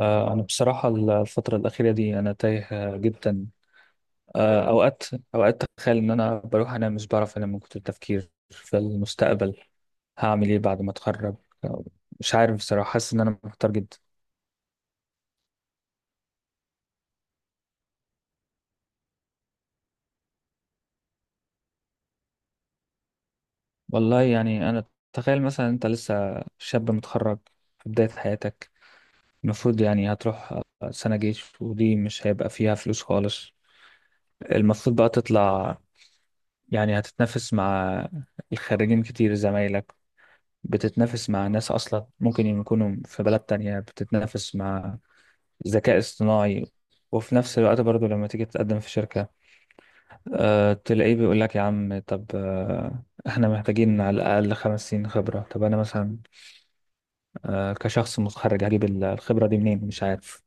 أنا بصراحة الفترة الأخيرة دي أنا تايه جدا. أوقات أوقات أتخيل إن أنا بروح أنام، مش بعرف أنام من كتر التفكير في المستقبل. هعمل إيه بعد ما أتخرج؟ آه، مش عارف بصراحة، حاسس إن أنا محتار جدا. والله يعني أنا، تخيل مثلا أنت لسه شاب متخرج في بداية حياتك. المفروض يعني هتروح سنة جيش، ودي مش هيبقى فيها فلوس خالص. المفروض بقى تطلع، يعني هتتنافس مع الخريجين كتير زمايلك، بتتنافس مع ناس أصلا ممكن يكونوا في بلد تانية، بتتنافس مع ذكاء اصطناعي. وفي نفس الوقت برضو لما تيجي تقدم في شركة تلاقيه بيقول لك يا عم، طب احنا محتاجين على الأقل 5 سنين خبرة. طب أنا مثلا كشخص متخرج هجيب الخبرة دي منين؟ مش عارف.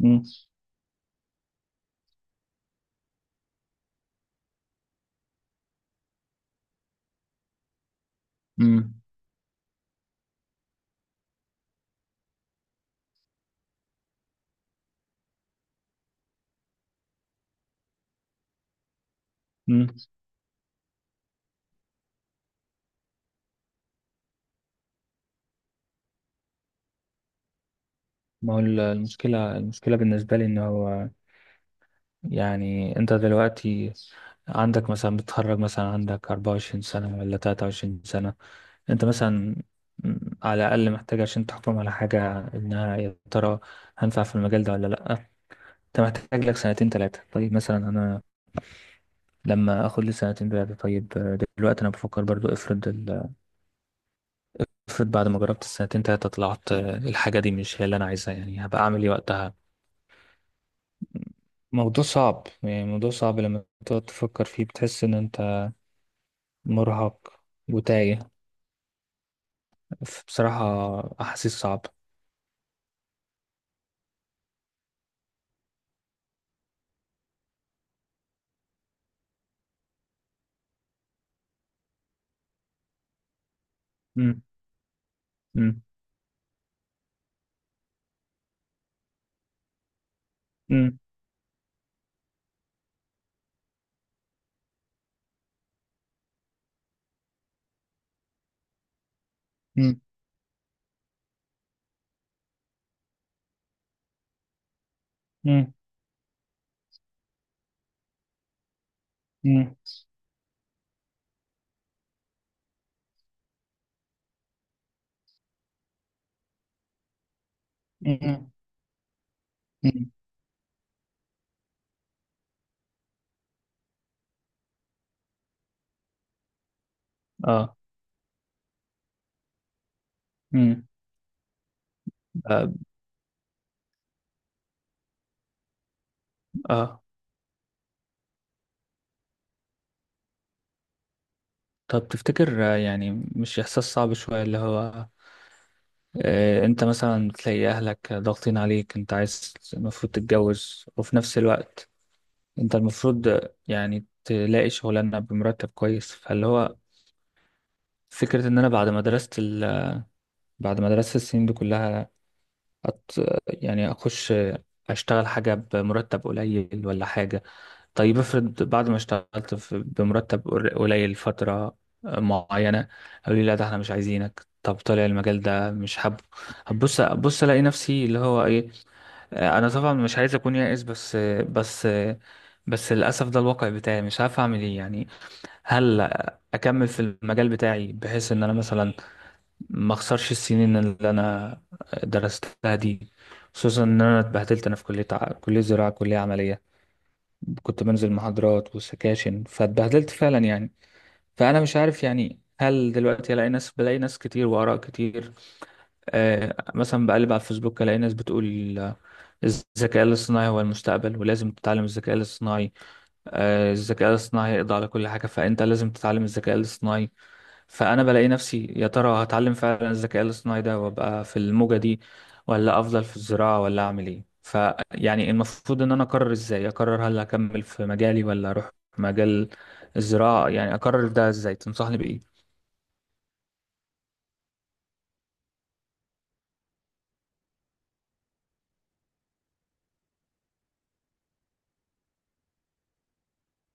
مم. مم. مم. ما هو المشكلة بالنسبة لي إن هو، يعني انت دلوقتي عندك، مثلا بتتخرج مثلا عندك 24 سنة ولا 23 سنة. انت مثلا على الأقل محتاج عشان تحكم على حاجة انها يا ترى هنفع في المجال ده ولا لأ. انت محتاج لك سنتين تلاتة. طيب مثلا انا لما اخد لي سنتين تلاتة، طيب دلوقتي انا بفكر برضو، افرض بعد ما جربت السنتين تلاتة طلعت الحاجة دي مش هي اللي انا عايزها، يعني هبقى اعمل ايه وقتها؟ موضوع صعب، يعني موضوع صعب، لما تقعد تفكر فيه بتحس ان انت مرهق وتايه. بصراحة أحاسيس صعبة. مم. مم. مم. مم. مم. مم. مم. مم. اه. مم. اه. آه. طب تفتكر، يعني مش إحساس صعب شوية اللي هو أنت مثلا تلاقي أهلك ضاغطين عليك، أنت عايز المفروض تتجوز، وفي نفس الوقت أنت المفروض يعني تلاقي شغلانة بمرتب كويس، فاللي هو فكرة إن أنا بعد ما درست بعد ما درست السنين دي كلها، أت... يعني اخش اشتغل حاجه بمرتب قليل ولا حاجه. طيب افرض بعد ما اشتغلت في، بمرتب قليل فتره معينه، قالوا لي لا، ده احنا مش عايزينك، طب طالع المجال ده مش حابه. هبص، ابص الاقي نفسي اللي هو ايه. انا طبعا مش عايز اكون يائس، بس بس للاسف ده الواقع بتاعي، مش عارف اعمل ايه يعني. هل اكمل في المجال بتاعي بحيث ان انا مثلا ما اخسرش السنين اللي انا درستها دي، خصوصا ان انا اتبهدلت. انا في كليه كليه زراعه، كليه عمليه. كنت بنزل محاضرات وسكاشن، فاتبهدلت فعلا يعني. فانا مش عارف يعني، هل دلوقتي الاقي ناس، بلاقي ناس كتير واراء كتير. آه، مثلا بقلب على الفيسبوك الاقي ناس بتقول الذكاء الاصطناعي هو المستقبل، ولازم تتعلم الذكاء الاصطناعي. آه، الذكاء الاصطناعي هيقضي على كل حاجه، فانت لازم تتعلم الذكاء الاصطناعي. فانا بلاقي نفسي، يا ترى هتعلم فعلا الذكاء الاصطناعي ده وابقى في الموجة دي، ولا افضل في الزراعة، ولا اعمل ايه؟ فيعني المفروض ان انا اقرر، ازاي اقرر هل اكمل في مجالي ولا اروح مجال الزراعة؟ يعني اقرر ده ازاي؟ تنصحني بايه؟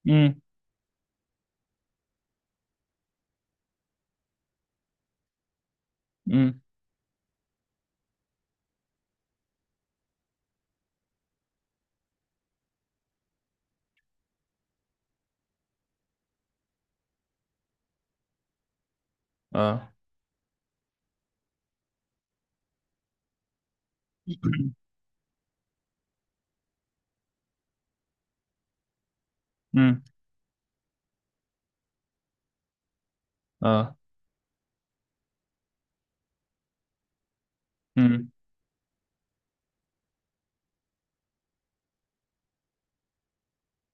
امم. امم. اه. امم. اه. امم.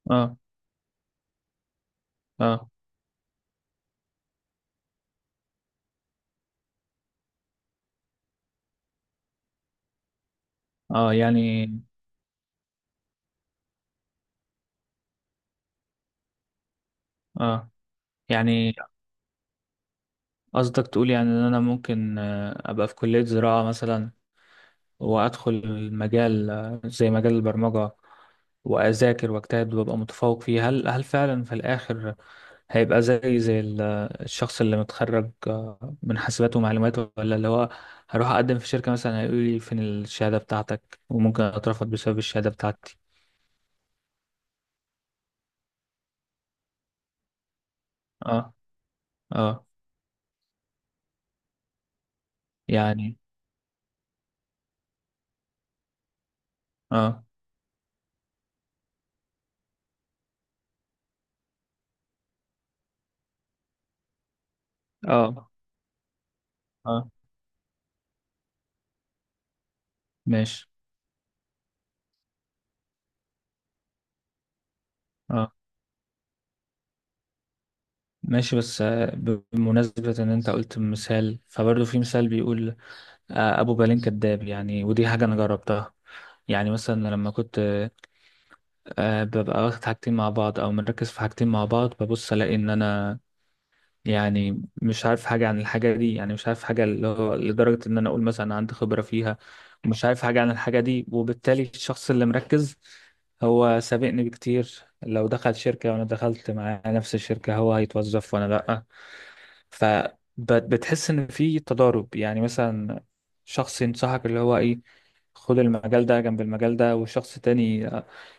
اه. اه. اه. يعني اه، يعني قصدك تقول يعني ان انا ممكن ابقى في كلية زراعة مثلا، وأدخل المجال زي مجال البرمجة، وأذاكر وأجتهد وأبقى متفوق فيه. هل فعلا في الآخر هيبقى زي الشخص اللي متخرج من حاسبات ومعلومات؟ ولا اللي هو هروح أقدم في شركة مثلا هيقول لي فين الشهادة بتاعتك، وممكن أترفض بسبب الشهادة بتاعتي؟ اه. اه يعني. اه. اه. اه. ماشي. اه ماشي بس، بمناسبة إن أنت قلت مثال، فبرضه في مثال بيقول ابو بالين كداب، يعني ودي حاجه انا جربتها. يعني مثلا لما كنت ببقى واخد حاجتين مع بعض او مركز في حاجتين مع بعض، ببص الاقي ان انا يعني مش عارف حاجه عن الحاجه دي، يعني مش عارف حاجه، اللي هو لدرجه ان انا اقول مثلا عندي خبره فيها ومش عارف حاجه عن الحاجه دي. وبالتالي الشخص اللي مركز هو سابقني بكتير، لو دخل شركه وانا دخلت معاه نفس الشركه، هو هيتوظف وانا لا. فبتحس ان في تضارب، يعني مثلا شخص ينصحك اللي هو ايه، خد المجال ده جنب المجال ده، وشخص تاني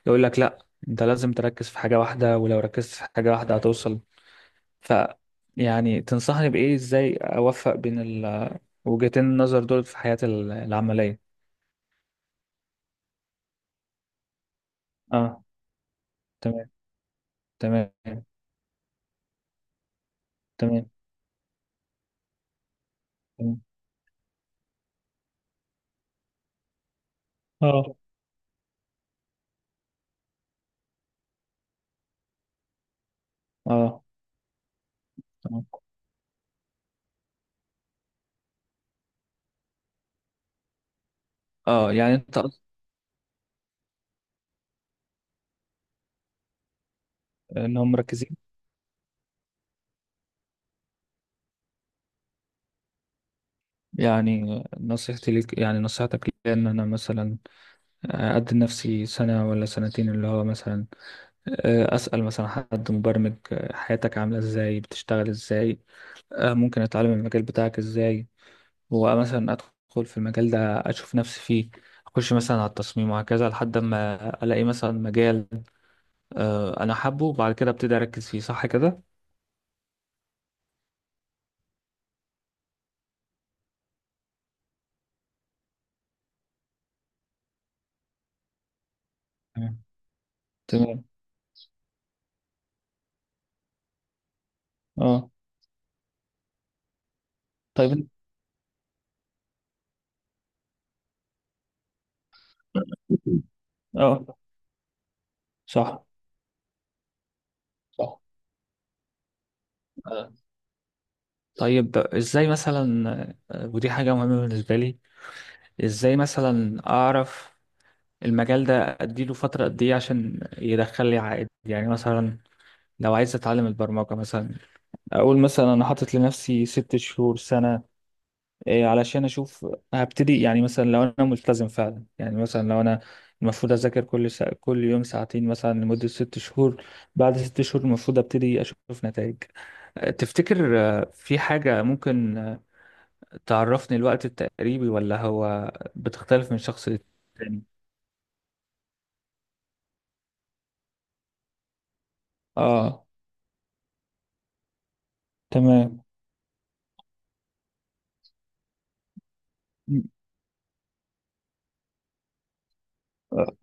يقول لك لا، انت لازم تركز في حاجة واحدة، ولو ركزت في حاجة واحدة هتوصل. ف يعني تنصحني بإيه؟ ازاي اوفق بين ال- وجهتين النظر دول في حياتي العملية؟ اه. تمام. تمام. تمام. تمام. اه. اه. تمام. اه، يعني انت انهم مركزين. يعني نصيحتي ليك، يعني نصيحتك ليا ان انا مثلا أدي لنفسي سنة ولا سنتين، اللي هو مثلا أسأل مثلا حد مبرمج حياتك عاملة إزاي، بتشتغل إزاي، ممكن أتعلم المجال بتاعك إزاي، ومثلا أدخل في المجال ده، أشوف نفسي فيه، أخش مثلا على التصميم، وهكذا لحد ما ألاقي مثلا مجال أنا حابه، وبعد كده أبتدي أركز فيه. صح كده؟ تمام. تمام. اه. طيب اه. صح. صح. آه. طيب ازاي مثلا، ودي حاجة مهمة بالنسبة لي، ازاي مثلا اعرف المجال ده اديله فترة قد ايه عشان يدخل لي عائد؟ يعني مثلا لو عايز اتعلم البرمجة مثلا، اقول مثلا انا حاطط لنفسي 6 شهور سنة إيه علشان اشوف. هبتدي يعني مثلا لو انا ملتزم فعلا، يعني مثلا لو انا المفروض اذاكر كل كل يوم ساعتين مثلا لمدة 6 شهور. بعد 6 شهور المفروض ابتدي اشوف نتائج. أه، تفتكر في حاجة ممكن تعرفني الوقت التقريبي، ولا هو بتختلف من شخص للتاني؟ اه. تمام. م- آه،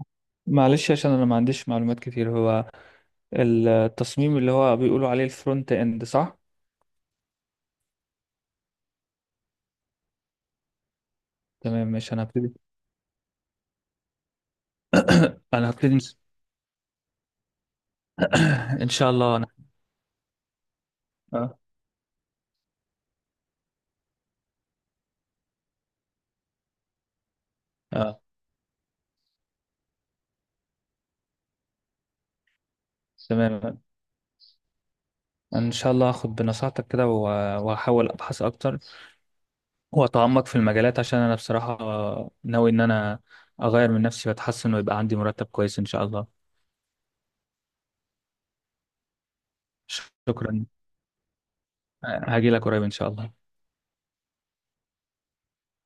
معلش عشان انا ما عنديش معلومات كتير، هو التصميم اللي هو بيقولوا عليه الفرونت اند، صح؟ تمام ماشي. انا هبتدي ان شاء الله انا. اه. اه. تمام. ان شاء الله هاخد بنصيحتك كده، وهحاول ابحث اكتر واتعمق في المجالات، عشان انا بصراحة ناوي ان انا اغير من نفسي واتحسن، ويبقى عندي مرتب كويس ان شاء الله. شكرا. هاجي لك قريب ان شاء الله.